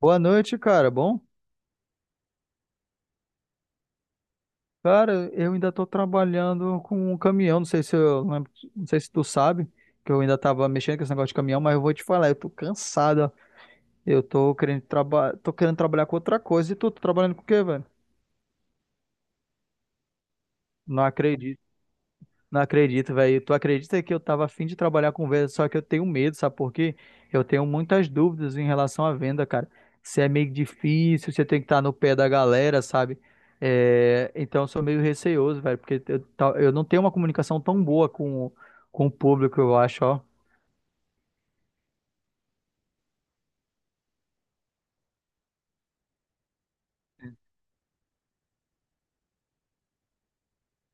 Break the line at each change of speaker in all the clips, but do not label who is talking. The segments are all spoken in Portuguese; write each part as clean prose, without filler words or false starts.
Boa noite, cara. Bom? Cara, eu ainda tô trabalhando com um caminhão. Não sei se tu sabe que eu ainda tava mexendo com esse negócio de caminhão, mas eu vou te falar, eu tô cansado. Ó. Eu tô querendo trabalhar com outra coisa. E tu, tá trabalhando com o quê, velho? Não acredito. Não acredito, velho. Tu acredita que eu tava afim de trabalhar com venda, só que eu tenho medo, sabe por quê? Eu tenho muitas dúvidas em relação à venda, cara. Se é meio difícil, você tem que estar no pé da galera, sabe? É, então eu sou meio receoso, velho, porque eu não tenho uma comunicação tão boa com o público, eu acho, ó.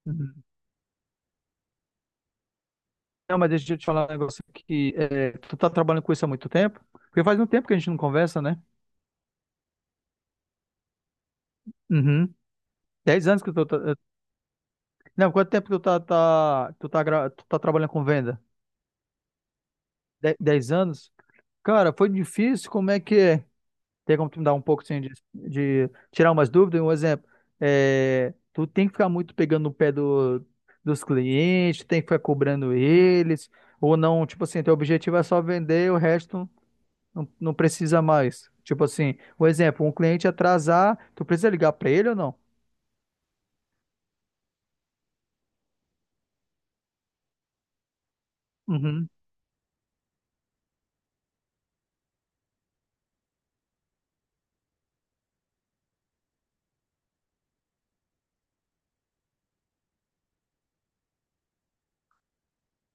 Uhum. Não, mas deixa eu te falar um negócio aqui. É, tu tá trabalhando com isso há muito tempo? Porque faz um tempo que a gente não conversa, né? Uhum. 10 anos que tu tá... Não, quanto tempo que tu tá, tá- tu tá, gra- tu tá trabalhando com venda? 10 anos. Cara, foi difícil. Como é que é? Tem como tu me dar um pouco assim, de tirar umas dúvidas? Um exemplo, é, tu tem que ficar muito pegando no pé dos clientes, tem que ficar cobrando eles, ou não? Tipo assim, teu objetivo é só vender, o resto não precisa mais. Tipo assim, um exemplo, um cliente atrasar, tu precisa ligar pra ele ou não? Uhum,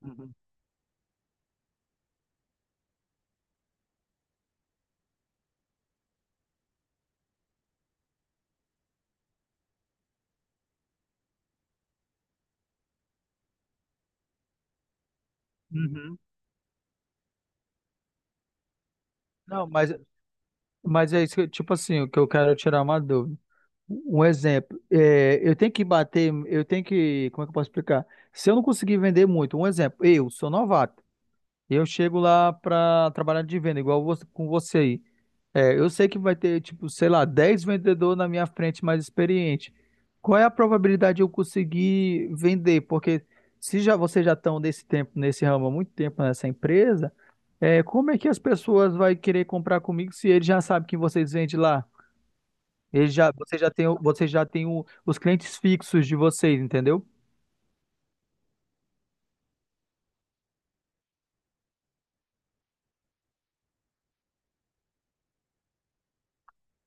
uhum, uhum. Não, mas é isso que, tipo assim, o que eu quero tirar uma dúvida. Um exemplo, é, eu tenho que bater, eu tenho que, como é que eu posso explicar? Se eu não conseguir vender muito, um exemplo, eu sou novato, eu chego lá para trabalhar de venda, igual você, com você aí. É, eu sei que vai ter, tipo, sei lá, 10 vendedores na minha frente mais experiente. Qual é a probabilidade de eu conseguir vender? Porque se já vocês já estão nesse tempo, nesse ramo há muito tempo nessa empresa, é, como é que as pessoas vão querer comprar comigo se eles já sabem que vocês vendem lá? Você já tem o- os clientes fixos de vocês, entendeu?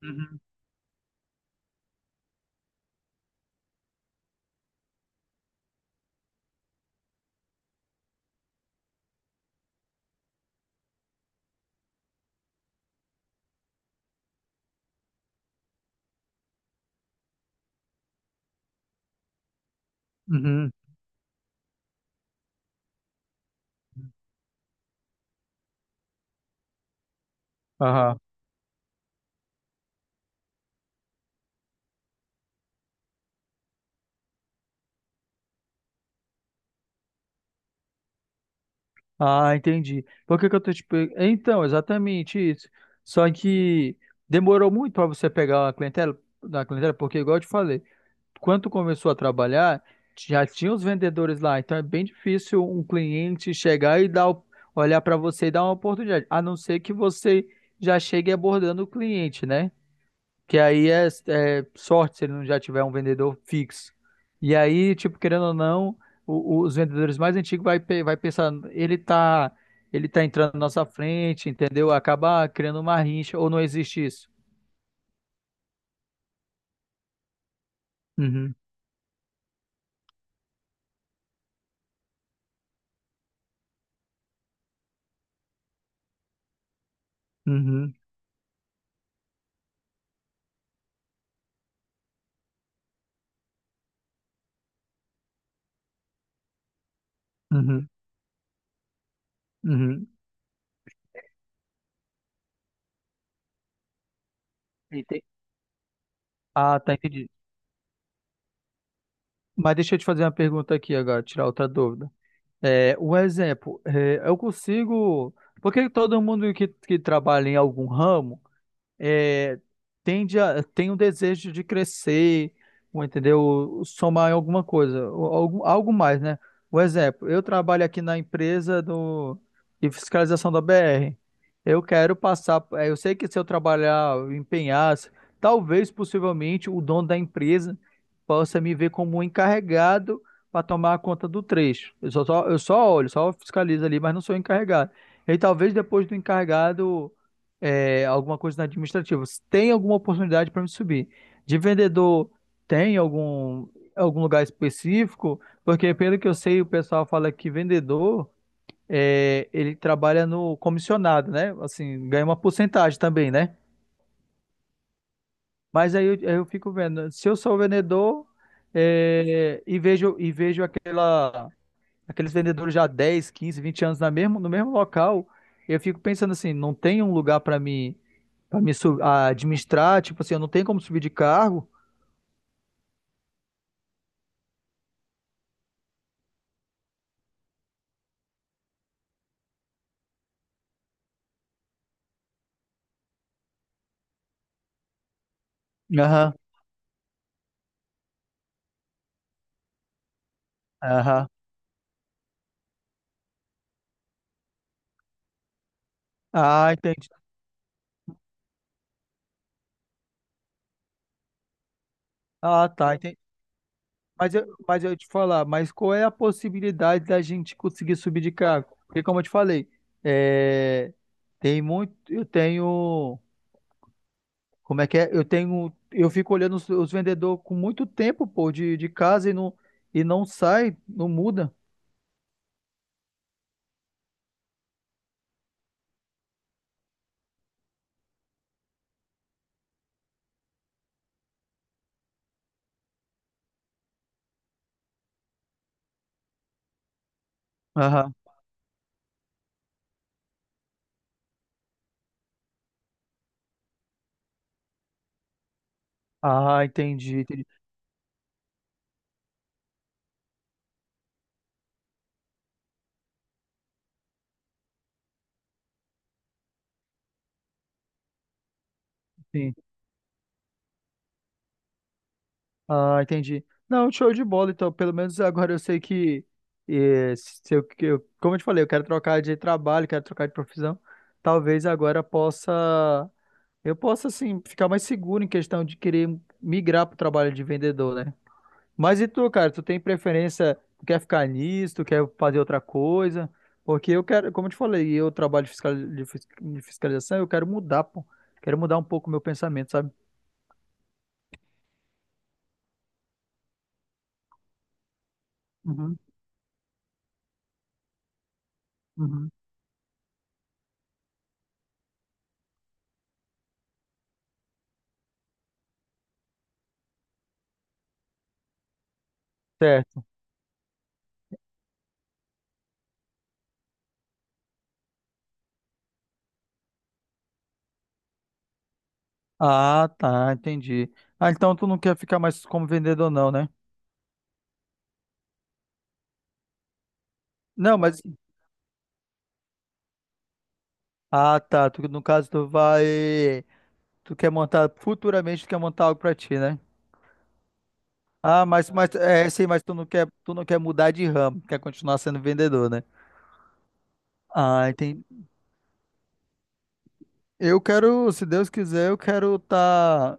Uhum. Uhum. Aham. Ah, entendi. Por que que eu tô te pe- Então, exatamente isso. Só que demorou muito para você pegar a clientela, da clientela, porque igual eu te falei, quando tu começou a trabalhar, já tinha os vendedores lá, então é bem difícil um cliente chegar e olhar para você e dar uma oportunidade, a não ser que você já chegue abordando o cliente, né? Que aí é, sorte se ele não já tiver um vendedor fixo. E aí, tipo, querendo ou não, os vendedores mais antigos vai pensar, ele tá entrando na nossa frente, entendeu? Acaba criando uma rincha, ou não existe isso. Uhum, uhum, uhum, uhum. Ente- Ah, tá, entendi. Mas deixa eu te fazer uma pergunta aqui agora, tirar outra dúvida. É, um exemplo, é, eu consigo. Porque todo mundo que trabalha em algum ramo. É, tende a, tem um desejo de crescer, ou, entendeu? Somar em alguma coisa, ou algo mais, né? Por exemplo, eu trabalho aqui na empresa de fiscalização da BR. Eu quero passar, eu sei que se eu trabalhar, eu empenhar, talvez, possivelmente, o dono da empresa possa me ver como um encarregado para tomar conta do trecho. Eu só olho, só fiscalizo ali, mas não sou encarregado. E talvez depois do encarregado é, alguma coisa na administrativa. Se tem alguma oportunidade para me subir? De vendedor, tem algum lugar específico? Porque, pelo que eu sei, o pessoal fala que vendedor, é, ele trabalha no comissionado, né? Assim, ganha uma porcentagem também, né? Mas aí eu fico vendo, se eu sou vendedor, é, e vejo aquela, aqueles vendedores já há 10, 15, 20 anos no mesmo local, eu fico pensando assim, não tem um lugar para mim. A administrar, tipo assim, eu não tenho como subir de cargo. Aham, aham. Ah, entendi. Ah, tá, entendi. Mas eu ia te falar, mas qual é a possibilidade da gente conseguir subir de cargo? Porque como eu te falei, é, tem muito, eu tenho, como é que é? Eu tenho, eu fico olhando os vendedores com muito tempo, pô, de casa e não sai, não muda. Aham. Ah, entendi, entendi. Sim. Ah, entendi. Não, show de bola. Então, pelo menos agora eu sei que, se eu, que eu- como eu te falei, eu quero trocar de trabalho, quero trocar de profissão. Talvez agora eu possa, assim, ficar mais seguro em questão de querer migrar para o trabalho de vendedor, né? Mas e tu, cara, tu tem preferência, tu quer ficar nisso, tu quer fazer outra coisa? Porque eu quero, como eu te falei, eu trabalho de fiscalização, eu quero mudar, pô. Quero mudar um pouco o meu pensamento, sabe? Uhum, uhum. Certo. Ah, tá, entendi. Ah, então tu não quer ficar mais como vendedor, não, né? Não, mas. Ah, tá. Tu, no caso, tu vai. Tu quer montar. Futuramente, tu quer montar algo pra ti, né? Ah, mas, é sim, mas tu não quer mudar de ramo, quer continuar sendo vendedor, né? Ah, entendi. Eu quero, se Deus quiser, eu quero tá.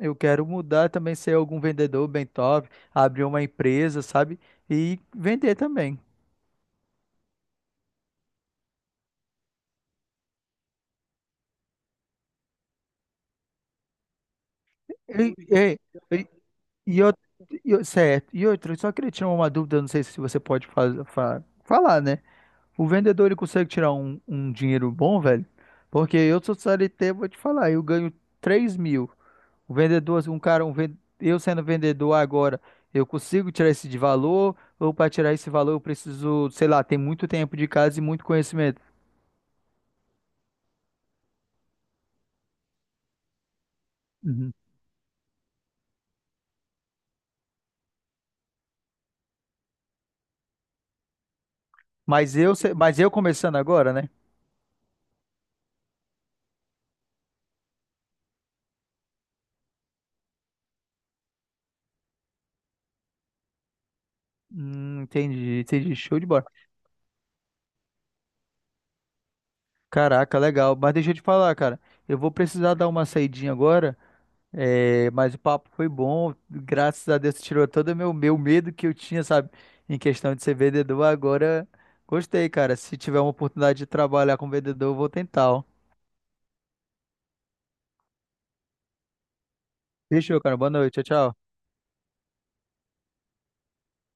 Eu quero mudar também, ser algum vendedor bem top, abrir uma empresa, sabe? E vender também. Ei, ei. E eu, Certo. E outra, eu só queria tirar uma dúvida, não sei se você pode falar, né? O vendedor, ele consegue tirar um dinheiro bom, velho? Porque eu sou CLT, vou te falar, eu ganho 3 mil. O vendedor, assim, um cara, eu sendo vendedor agora, eu consigo tirar esse de valor? Ou para tirar esse valor eu preciso, sei lá, tem muito tempo de casa e muito conhecimento? Uhum. Mas eu, se- mas eu começando agora, né? Entendi, entendi, show de bola. Caraca, legal. Mas deixa eu te falar, cara. Eu vou precisar dar uma saidinha agora. É, mas o papo foi bom. Graças a Deus você tirou todo o meu medo que eu tinha, sabe? Em questão de ser vendedor. Agora gostei, cara. Se tiver uma oportunidade de trabalhar com vendedor, eu vou tentar. Ó. Fechou, cara. Boa noite. Tchau, tchau.